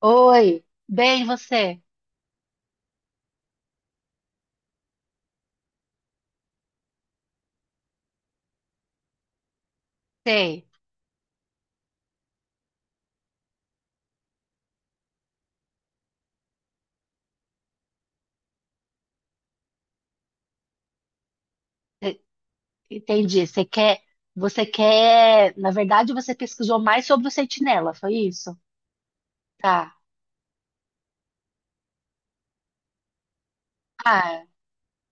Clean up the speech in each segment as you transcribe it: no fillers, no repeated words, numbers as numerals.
Oi, bem, você? Sei. E- Entendi. Você quer, na verdade você pesquisou mais sobre o Sentinela, foi isso? Tá. Ah,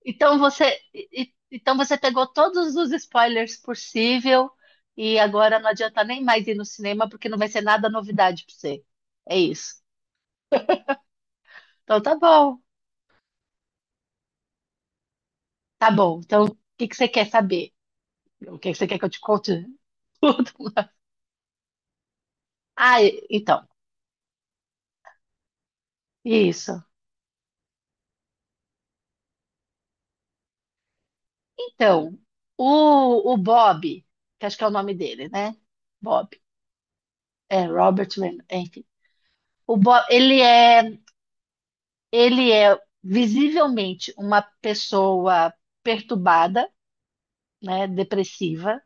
então você, então você pegou todos os spoilers possível, e agora não adianta nem mais ir no cinema porque não vai ser nada novidade para você. É isso. Então tá bom, tá bom. Então o que que você quer saber? O que que você quer que eu te conte tudo? Ah, então, isso. Então, o Bob, que acho que é o nome dele, né? Bob. É, Robert Raymond, enfim. O Bob, ele é, visivelmente uma pessoa perturbada, né? Depressiva.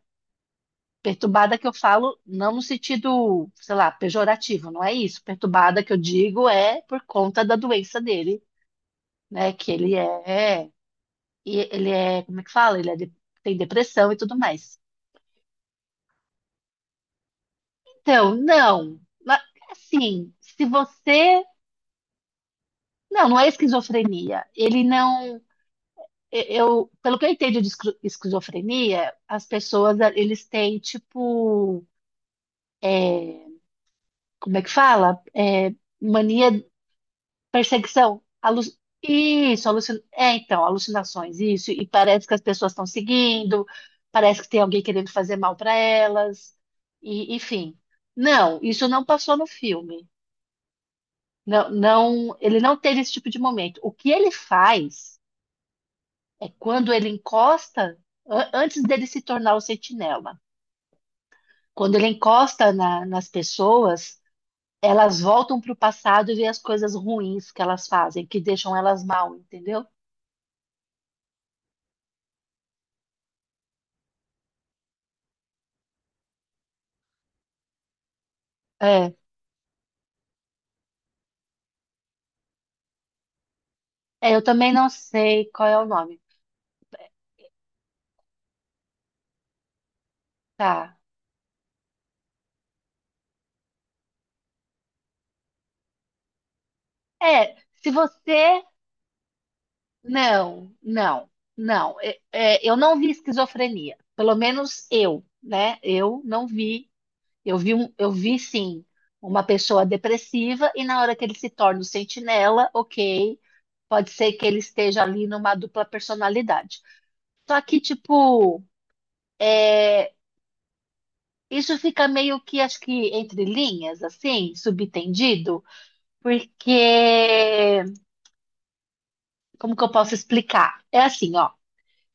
Perturbada que eu falo não no sentido, sei lá, pejorativo, não é isso. Perturbada que eu digo é por conta da doença dele, né? E ele é, como é que fala? Ele é, tem depressão e tudo mais. Então, não. Assim, se você. Não, não é esquizofrenia. Ele não. Eu, pelo que eu entendo de esquizofrenia, as pessoas, eles têm, tipo. Como é que fala? É, mania, perseguição. Isso, é, então, alucinações, isso. E parece que as pessoas estão seguindo, parece que tem alguém querendo fazer mal para elas. E, enfim. Não, isso não passou no filme. Não, não, ele não teve esse tipo de momento. O que ele faz é quando ele encosta, antes dele se tornar o sentinela, quando ele encosta nas pessoas, elas voltam para o passado e vê as coisas ruins que elas fazem, que deixam elas mal, entendeu? É, é, eu também não sei qual é o nome. Tá. É, se você. Não, não, não. É, eu não vi esquizofrenia. Pelo menos eu, né? Eu não vi. Eu vi sim uma pessoa depressiva, e na hora que ele se torna o sentinela, ok, pode ser que ele esteja ali numa dupla personalidade. Só que, tipo, é, isso fica meio que, acho que entre linhas, assim, subtendido, porque, como que eu posso explicar? É assim, ó.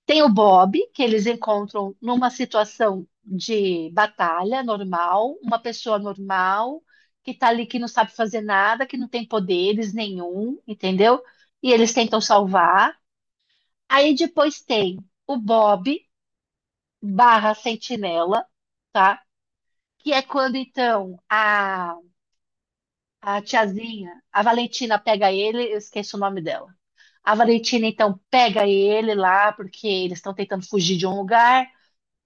Tem o Bob, que eles encontram numa situação de batalha normal, uma pessoa normal que tá ali, que não sabe fazer nada, que não tem poderes nenhum, entendeu? E eles tentam salvar. Aí depois tem o Bob barra Sentinela, tá? Que é quando então a tiazinha, a Valentina pega ele, eu esqueço o nome dela. A Valentina então pega ele lá porque eles estão tentando fugir de um lugar.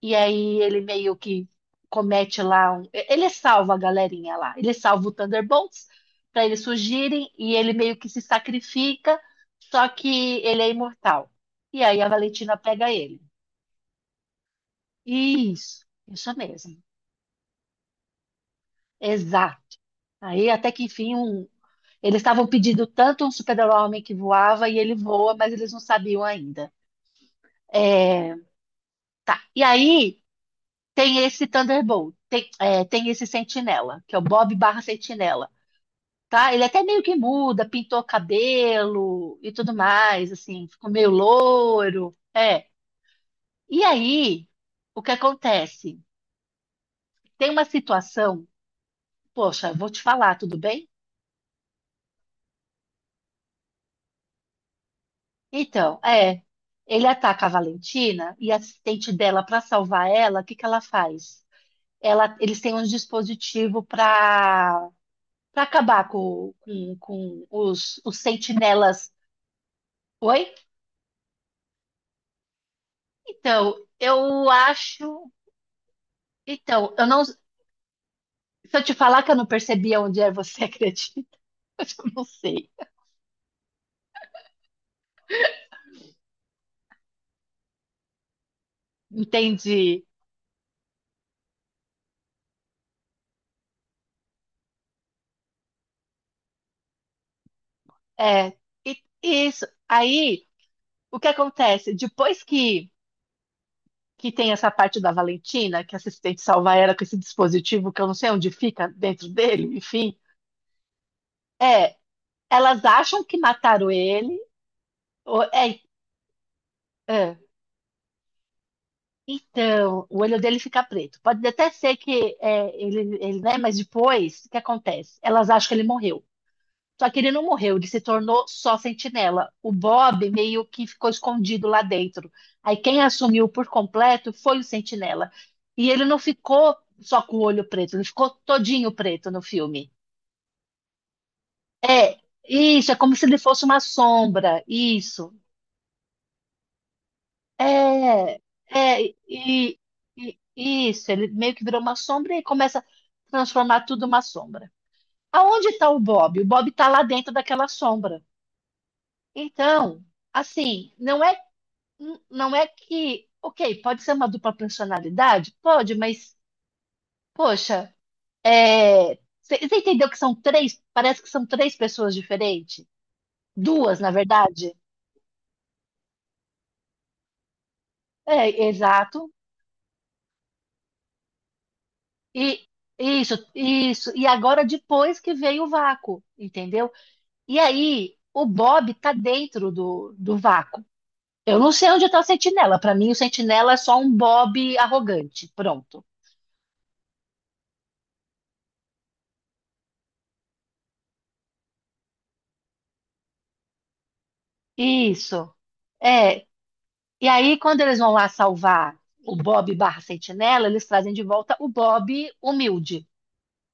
E aí ele meio que comete lá um... Ele salva a galerinha lá. Ele salva o Thunderbolts para eles fugirem e ele meio que se sacrifica, só que ele é imortal. E aí a Valentina pega ele. Isso mesmo. Exato. Aí até que enfim um... eles estavam pedindo tanto um super-homem que voava, e ele voa, mas eles não sabiam ainda. É, tá. E aí tem esse Thunderbolt, tem, tem esse Sentinela, que é o Bob barra Sentinela. Tá? Ele até meio que muda, pintou cabelo e tudo mais, assim, ficou meio loiro. É. E aí, o que acontece? Tem uma situação, poxa, vou te falar, tudo bem? Então, é. Ele ataca a Valentina e a assistente dela. Para salvar ela, o que que ela faz? Ela, eles têm um dispositivo para acabar com os sentinelas. Oi? Então, eu acho, então, eu não, se eu te falar que eu não percebia onde é, você acredita? Eu não sei. Entendi. É, isso. Aí, o que acontece? Depois que, tem essa parte da Valentina, que a assistente salva ela com esse dispositivo que eu não sei onde fica dentro dele, enfim, é, elas acham que mataram ele. ou- é, é. Então, o olho dele fica preto. Pode até ser que é, ele, né? Mas depois, o que acontece? Elas acham que ele morreu. Só que ele não morreu, ele se tornou só sentinela. O Bob meio que ficou escondido lá dentro. Aí quem assumiu por completo foi o sentinela. E ele não ficou só com o olho preto, ele ficou todinho preto no filme. É, isso, é como se ele fosse uma sombra. Isso. É, é, e, isso, ele meio que virou uma sombra e começa a transformar tudo uma sombra. Aonde está o Bob? O Bob está lá dentro daquela sombra. Então, assim, não é. Não é que, ok, pode ser uma dupla personalidade? Pode, mas, poxa, é, você entendeu que são três? Parece que são três pessoas diferentes. Duas, na verdade. É, exato. E isso, isso. E agora depois que veio o vácuo, entendeu? E aí, o Bob tá dentro do vácuo. Eu não sei onde tá o Sentinela. Para mim, o Sentinela é só um Bob arrogante. Pronto. Isso. É, e aí, quando eles vão lá salvar o Bob barra Sentinela, eles trazem de volta o Bob humilde.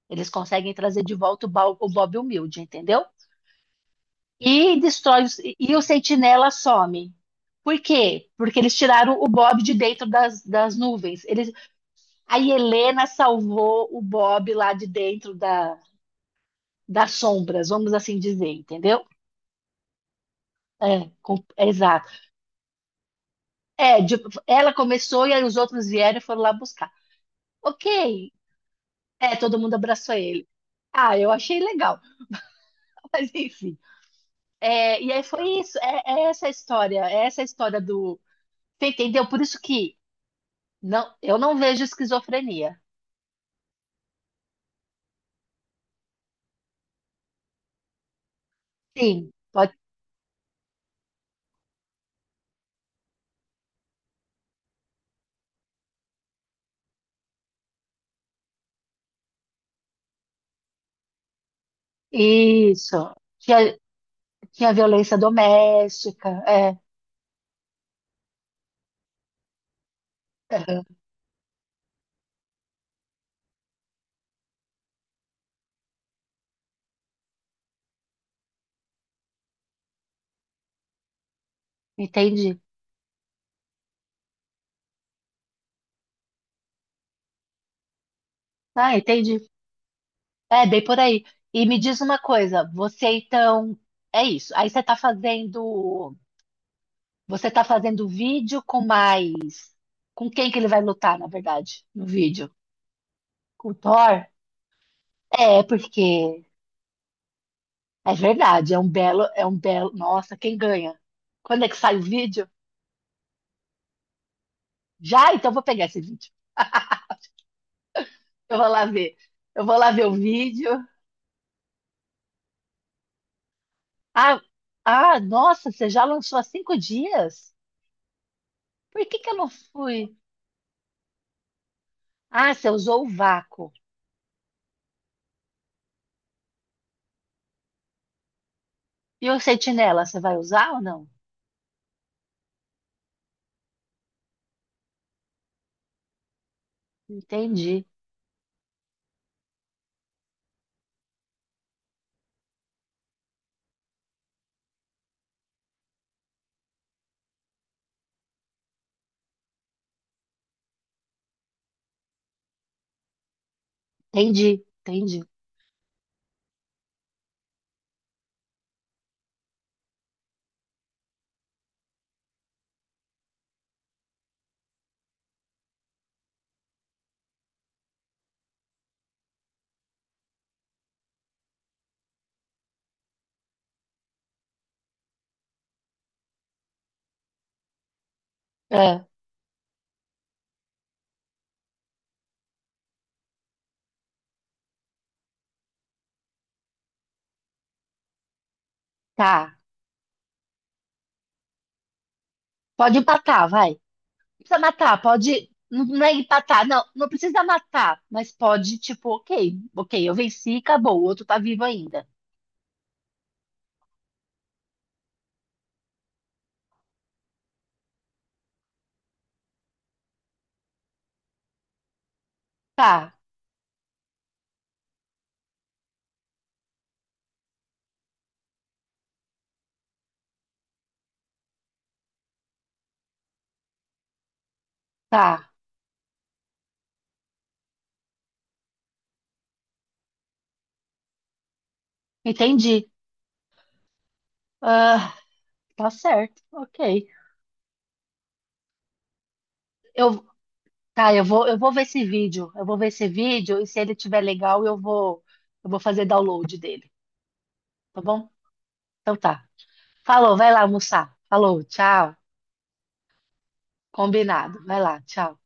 Eles conseguem trazer de volta o Bob humilde, entendeu? E destrói e o Sentinela some. Por quê? Porque eles tiraram o Bob de dentro das, nuvens. Eles, a Helena salvou o Bob lá de dentro da, das sombras, vamos assim dizer, entendeu? É, é, exato. É, ela começou e aí os outros vieram e foram lá buscar. Ok. É, todo mundo abraçou ele. Ah, eu achei legal. Mas enfim. É, e aí foi isso. É, é essa a história. É essa a história do. Você entendeu? Por isso que não, eu não vejo esquizofrenia. Sim, pode. Isso. Tinha, tinha violência doméstica. É. Aham. Entendi. Ah, entendi. É, bem por aí. E me diz uma coisa, você então. É isso. Aí você tá fazendo. Você tá fazendo vídeo com mais. Com quem que ele vai lutar, na verdade, no vídeo? Com o Thor? É, porque é verdade, é um belo, é um belo. Nossa, quem ganha? Quando é que sai o vídeo? Já? Então eu vou pegar esse vídeo. Eu vou lá ver. Eu vou lá ver o vídeo. Ah, ah, nossa, você já lançou há 5 dias? Por que que eu não fui? Ah, você usou o vácuo. E o sentinela, você vai usar ou não? Entendi, entendi, entendi. É, tá. Pode empatar, vai. Precisa matar, pode. Não, não é empatar, não, não precisa matar, mas pode, tipo, ok, ok, eu venci, acabou, o outro tá vivo ainda. Tá, tá, entendi. Ah, tá certo, ok. Eu, tá, eu vou ver esse vídeo, eu vou ver esse vídeo e se ele tiver legal, eu vou fazer download dele, tá bom? Então tá. Falou, vai lá almoçar. Falou, tchau. Combinado, vai lá, tchau.